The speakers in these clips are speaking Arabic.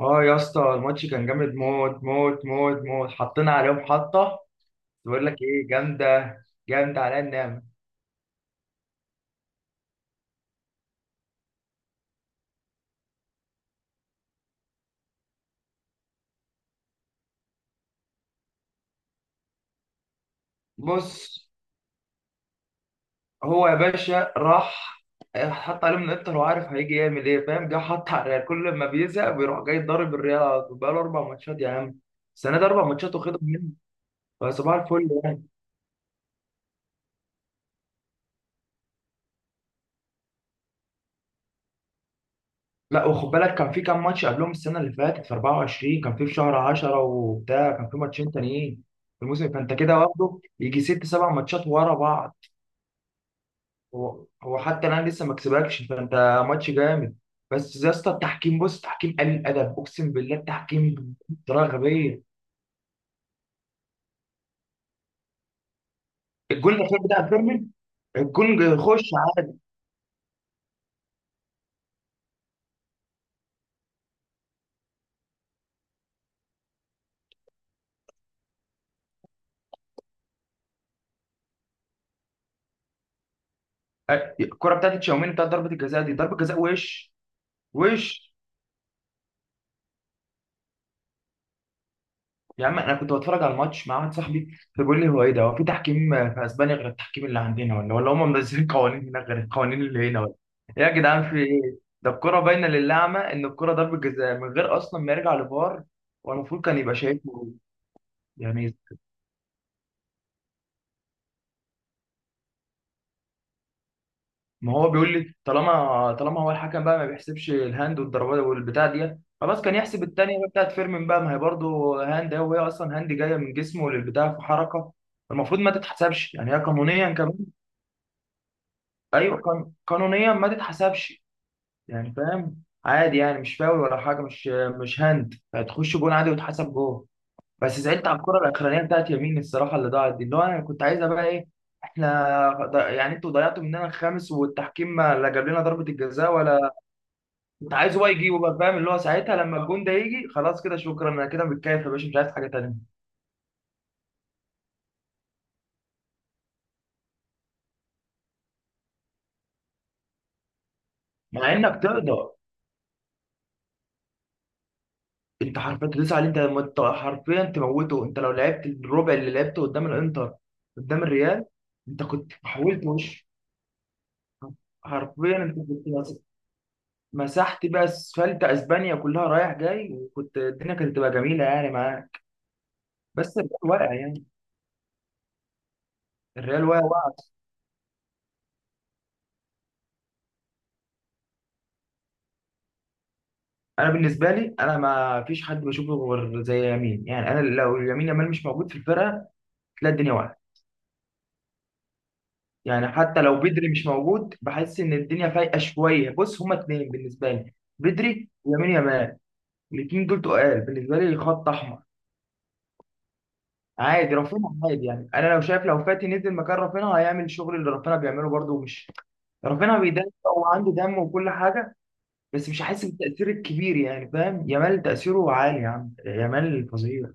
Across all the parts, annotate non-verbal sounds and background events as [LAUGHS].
اه يا اسطى، الماتش كان جامد موت موت موت موت، حطينا عليهم حطه. بقول لك ايه، جامده جامده على النعمه. بص، هو يا باشا راح حط عليهم من الانتر، وعارف هيجي يعمل ايه فاهم؟ جه حط على الريال، كل ما بيزهق بيروح جاي ضارب الريال على طول، بقاله اربع ماتشات يا عم. السنه دي اربع ماتشات واخدهم منه، فصباح الفل يعني. لا وخد بالك، كان في كام ماتش قبلهم السنه اللي فاتت في 24، كان في شهر 10 وبتاع، كان في ماتشين تانيين في الموسم، فانت كده واخده يجي ست سبع ماتشات ورا بعض. هو حتى انا لسه ما كسبكش فانت، ماتش جامد. بس يا اسطى التحكيم، بص تحكيم قليل الادب، اقسم بالله التحكيم بطريقه غبيه. الجول الاخير بتاع فيرمين، الجول خش عادي. الكره بتاعت تشاوميني بتاعت ضربه الجزاء، دي ضربه جزاء وش. وش يا عم، انا كنت بتفرج على الماتش مع واحد صاحبي، فبيقول لي هو ايه ده، هو في تحكيم في اسبانيا غير التحكيم اللي عندنا، ولا هم منزلين قوانين هناك غير القوانين اللي هنا ولا؟ إيه يا جدعان في ايه ده، الكرة باينة للأعمى إن الكرة ضربة جزاء من غير أصلا ما يرجع لفار، والمفروض كان يبقى شايفه. يعني ما هو بيقول لي، طالما هو الحكم بقى ما بيحسبش الهاند والضربات والبتاع دي، خلاص كان يحسب التانية بقى بتاعت فيرمين بقى، ما هي برضه هاند أهي، وهي أصلا هاند جاية من جسمه للبتاع في حركة، المفروض ما تتحسبش يعني، هي قانونيا كمان. ايوه، قانونيا ما تتحسبش. يعني فاهم، عادي يعني، مش فاول ولا حاجه، مش هاند، هتخش جون عادي وتحسب جون. بس زعلت على الكره الاخرانيه بتاعت يمين الصراحه، اللي ضاعت دي اللي هو انا كنت عايزها بقى ايه. احنا يعني انتوا ضيعتوا مننا الخامس، والتحكيم ما لا جاب لنا ضربه الجزاء ولا. كنت عايز هو يجيبه بقى، فاهم اللي هو ساعتها لما الجون ده يجي، خلاص كده شكرا، انا كده متكيف يا باشا، مش عايز حاجه تانيه. مع انك تقدر، انت حرفيا تدوس عليه، انت لما حرفيا تموته، انت لو لعبت الربع اللي لعبته قدام الانتر قدام الريال، انت كنت حولت وش. حرفيا انت كنت مسحت بقى اسفلت اسبانيا كلها رايح جاي، وكنت الدنيا كانت تبقى جميله يعني معاه. بس الريال واقع يعني، الريال واقع واقع. انا بالنسبه لي، انا ما فيش حد بشوفه غير زي يمين يعني، انا لو يمين يامال مش موجود في الفرقه تلاقي الدنيا واقعه. يعني حتى لو بدري مش موجود بحس ان الدنيا فايقه شويه، بص هما اتنين بالنسبه لي، بدري ويمين يامال، الاثنين دول تقال بالنسبه لي خط احمر. عادي رافينها، عادي يعني، انا لو شايف لو فاتي نزل مكان رافينها هيعمل الشغل اللي رافينها بيعمله برده، مش رافينها بيدافع، هو عنده دم وكل حاجه، بس مش هحس بالتاثير الكبير يعني فاهم. يامال تاثيره عالي يا عم، يامال فظيع.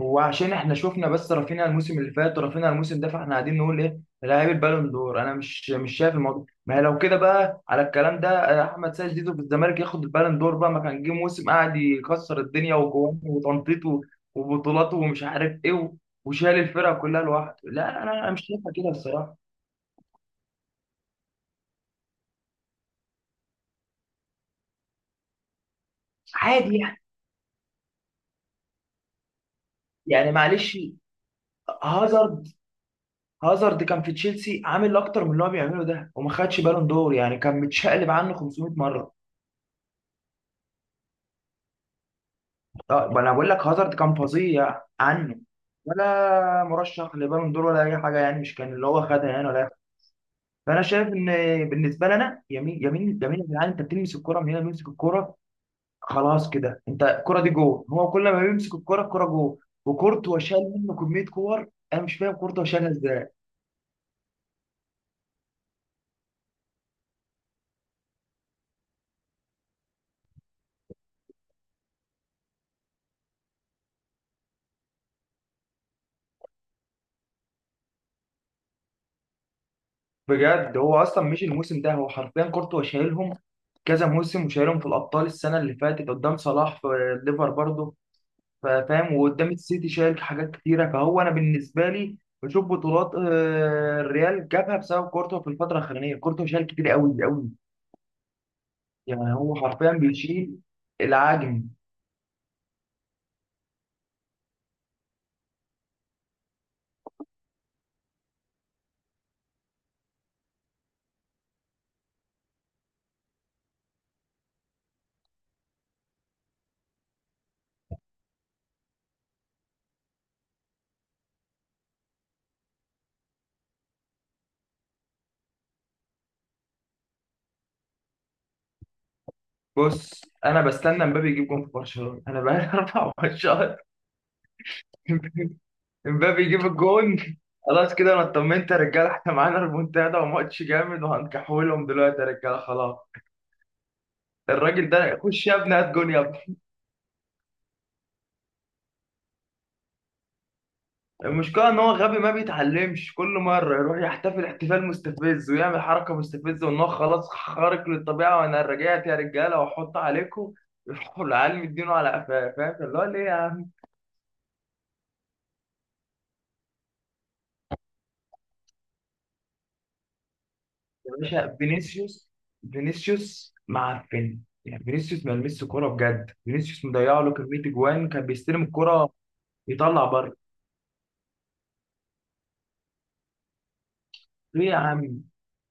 هو عشان احنا شفنا بس رافينيا الموسم اللي فات ورافينيا الموسم ده، فاحنا قاعدين نقول ايه لاعب البالون دور، انا مش شايف الموضوع. ما هي لو كده بقى على الكلام ده احمد سيد زيزو في الزمالك ياخد البالون دور بقى، ما كان جه موسم قاعد يكسر الدنيا وجوان وتنطيط وبطولات ومش عارف ايه وشال الفرقه كلها لوحده. لا انا مش شايفها كده الصراحه، عادي يعني. يعني معلش. هازارد، هازارد كان في تشيلسي عامل اكتر من اللي هو بيعمله ده وما خدش بالون دور، يعني كان متشقلب عنه 500 مره. طب انا بقول لك هازارد كان فظيع عنه، ولا مرشح لبالون دور ولا اي حاجه، يعني مش كان اللي هو خدها يعني ولا. فانا شايف ان بالنسبه لنا يمين يمين يمين، يا جدعان انت بتلمس الكره من هنا بيمسك الكره، خلاص كده انت الكره دي جول، هو كل ما بيمسك الكره الكره جول. وكورتوا شال منه كميه كور، انا مش فاهم كورتوا شالها ازاي. بجد، هو اصلا مش الموسم ده، هو حرفيا كورتوا شايلهم كذا موسم، وشايلهم في الابطال السنه اللي فاتت قدام صلاح في ليفر برضه، فاهم، وقدام السيتي شايل حاجات كتيره. فهو انا بالنسبه لي بشوف بطولات الريال جابها بسبب كورتو، في الفتره الاخرانيه كورتو شايل كتير قوي قوي، يعني هو حرفيا بيشيل العجم. بص انا بستنى امبابي يجيب جون في برشلونه، انا بقالي [LAUGHS] 24 شهر. امبابي يجيب الجون، خلاص كده انا اطمنت يا رجاله، احنا معانا ريمونتادا وماتش جامد وهنكحولهم دلوقتي يا رجاله خلاص. الراجل ده خش يا ابني، هات جون يا ابني. المشكلة إن هو غبي ما بيتعلمش، كل مرة يروح يحتفل احتفال مستفز ويعمل حركة مستفزة، وإن هو خلاص خارق للطبيعة وأنا رجعت يا رجالة وأحط عليكم [LAUGHS] يروحوا العيال مدينه على قفاه، فاهم اللي هو ليه يا عم. يا باشا فينيسيوس، فينيسيوس معفن، يعني فينيسيوس ما لمسش كورة بجد، فينيسيوس مضيع له كمية أجوان، كان بيستلم الكورة يطلع بره، ليه يا عم؟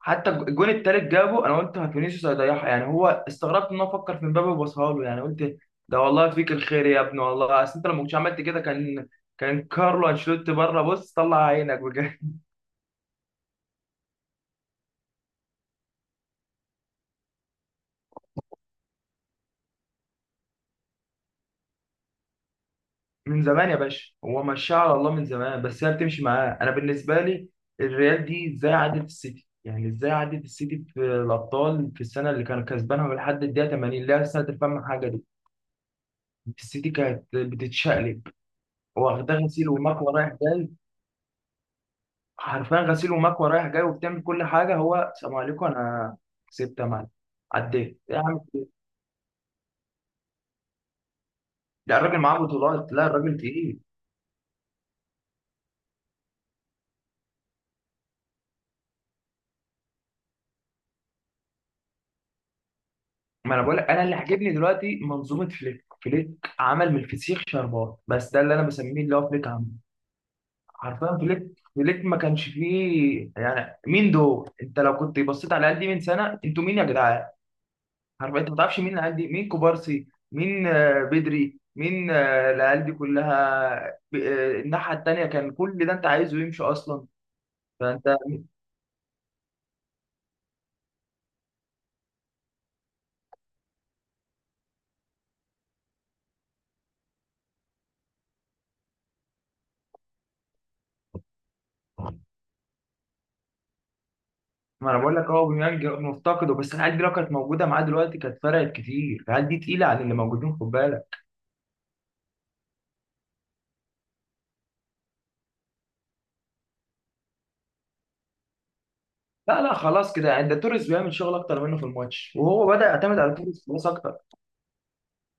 حتى الجون التالت جابه، انا قلت فينيسيوس هيضيعها، يعني هو استغربت ان هو فكر في مبابي وباصها له يعني، قلت ده والله فيك الخير يا ابني، والله اصل انت لو ما كنتش عملت كده كان كان كارلو انشيلوتي بره، بص طلع عينك بجد [LAUGHS] من زمان يا باشا، هو مشاه على الله من زمان، بس هي بتمشي معاه. انا بالنسبه لي الريال دي ازاي عدت السيتي، يعني ازاي عدت السيتي في الابطال في السنه اللي كانت كسبانها لحد الدقيقه 80، اللي هي سنه الفم حاجه دي. السيتي كانت بتتشقلب، واخدها غسيل ومكوى رايح جاي، حرفيا غسيل ومكوى رايح جاي، وبتعمل كل حاجه، هو سلام عليكم انا كسبت انا، عديت يا عم. لا الراجل معاه بطولات، لا الراجل تقيل. ما انا بقول لك انا اللي عاجبني دلوقتي منظومه فليك. فليك عمل من الفسيخ شربات، بس ده اللي انا بسميه اللي هو فليك عمل، حرفيا فليك. فليك ما كانش فيه يعني، مين دول، انت لو كنت بصيت على قد من سنه انتوا مين يا جدعان، عارف انت ما تعرفش مين العيال دي، مين كوبارسي، مين بدري، مين العيال دي كلها الناحيه التانيه كان كل ده انت عايزه يمشي اصلا. فانت، ما انا بقول لك اهو بيميانج مفتقده، بس العيال دي لو كانت موجوده معاه دلوقتي كانت فرقت كتير، العيال دي تقيله عن اللي موجودين، خد بالك. لا لا خلاص كده يعني، ده توريس بيعمل شغل اكتر منه في الماتش، وهو بدا يعتمد على توريس خلاص اكتر.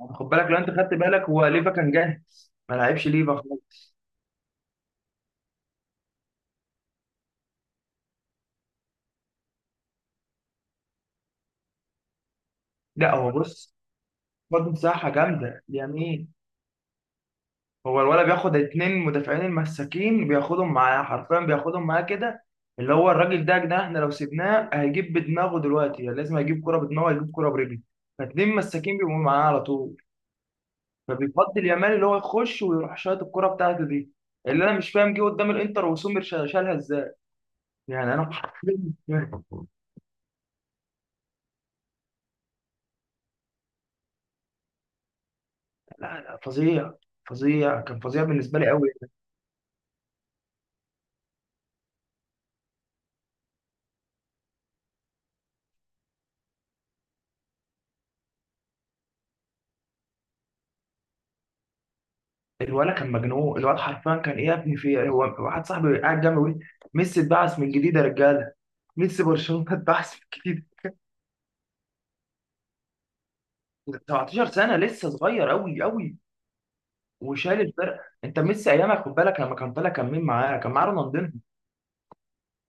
يعني خد بالك، لو انت خدت بالك هو ليفا كان جاهز، ما لعبش ليفا خالص. لا هو بص برضه مساحه جامده اليمين، هو الولد بياخد اتنين مدافعين المساكين، بياخدهم معاه حرفيا بياخدهم معاه كده، اللي هو الراجل ده يا جدعان احنا لو سيبناه هيجيب بدماغه دلوقتي، يعني لازم هيجيب كرة بدماغه هيجيب كرة برجله، فاتنين مساكين بيبقوا معاه على طول، فبيفضل يامال اللي هو يخش ويروح شايط الكرة بتاعته دي. اللي انا مش فاهم، جه قدام الانتر وسومر شالها ازاي، يعني انا مش فاهم. لا لا فظيع، فظيع كان فظيع بالنسبة لي قوي. الولد كان مجنون، الولد حرفيا كان ايه يا ابني في إيه؟ هو واحد صاحبي قاعد جنبي بيقول لي، ميسي اتبعث من جديد يا رجاله، ميسي برشلونه [LAUGHS] اتبعث من جديد. 17 سنه، لسه صغير قوي قوي، وشال الفرقه. انت ميسي ايامك خد بالك، لما كان طالع كان مين معاه؟ كان معاه رونالدينو،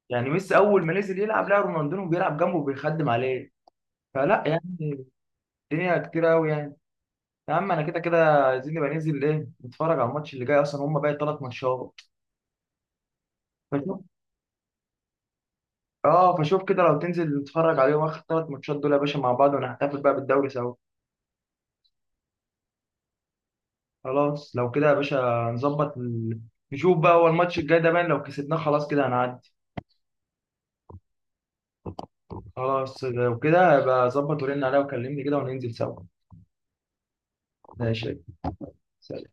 يعني ميسي اول ما نزل يلعب لقى رونالدينو بيلعب جنبه وبيخدم عليه، فلا يعني الدنيا كتير قوي يعني. يا عم انا كده كده عايزين نبقى ننزل ايه، نتفرج على الماتش اللي جاي، اصلا هم باقي ثلاث ماتشات. فشوف، اه فشوف كده لو تنزل نتفرج عليهم اخر ثلاث ماتشات دول يا باشا مع بعض، ونحتفل بقى بالدوري سوا. خلاص لو كده يا باشا، نظبط نشوف بقى هو الماتش الجاي ده باين، لو كسبناه خلاص كده هنعدي. خلاص لو كده هبقى ظبط ورن عليا وكلمني كده وننزل سوا. ماشي، سلام.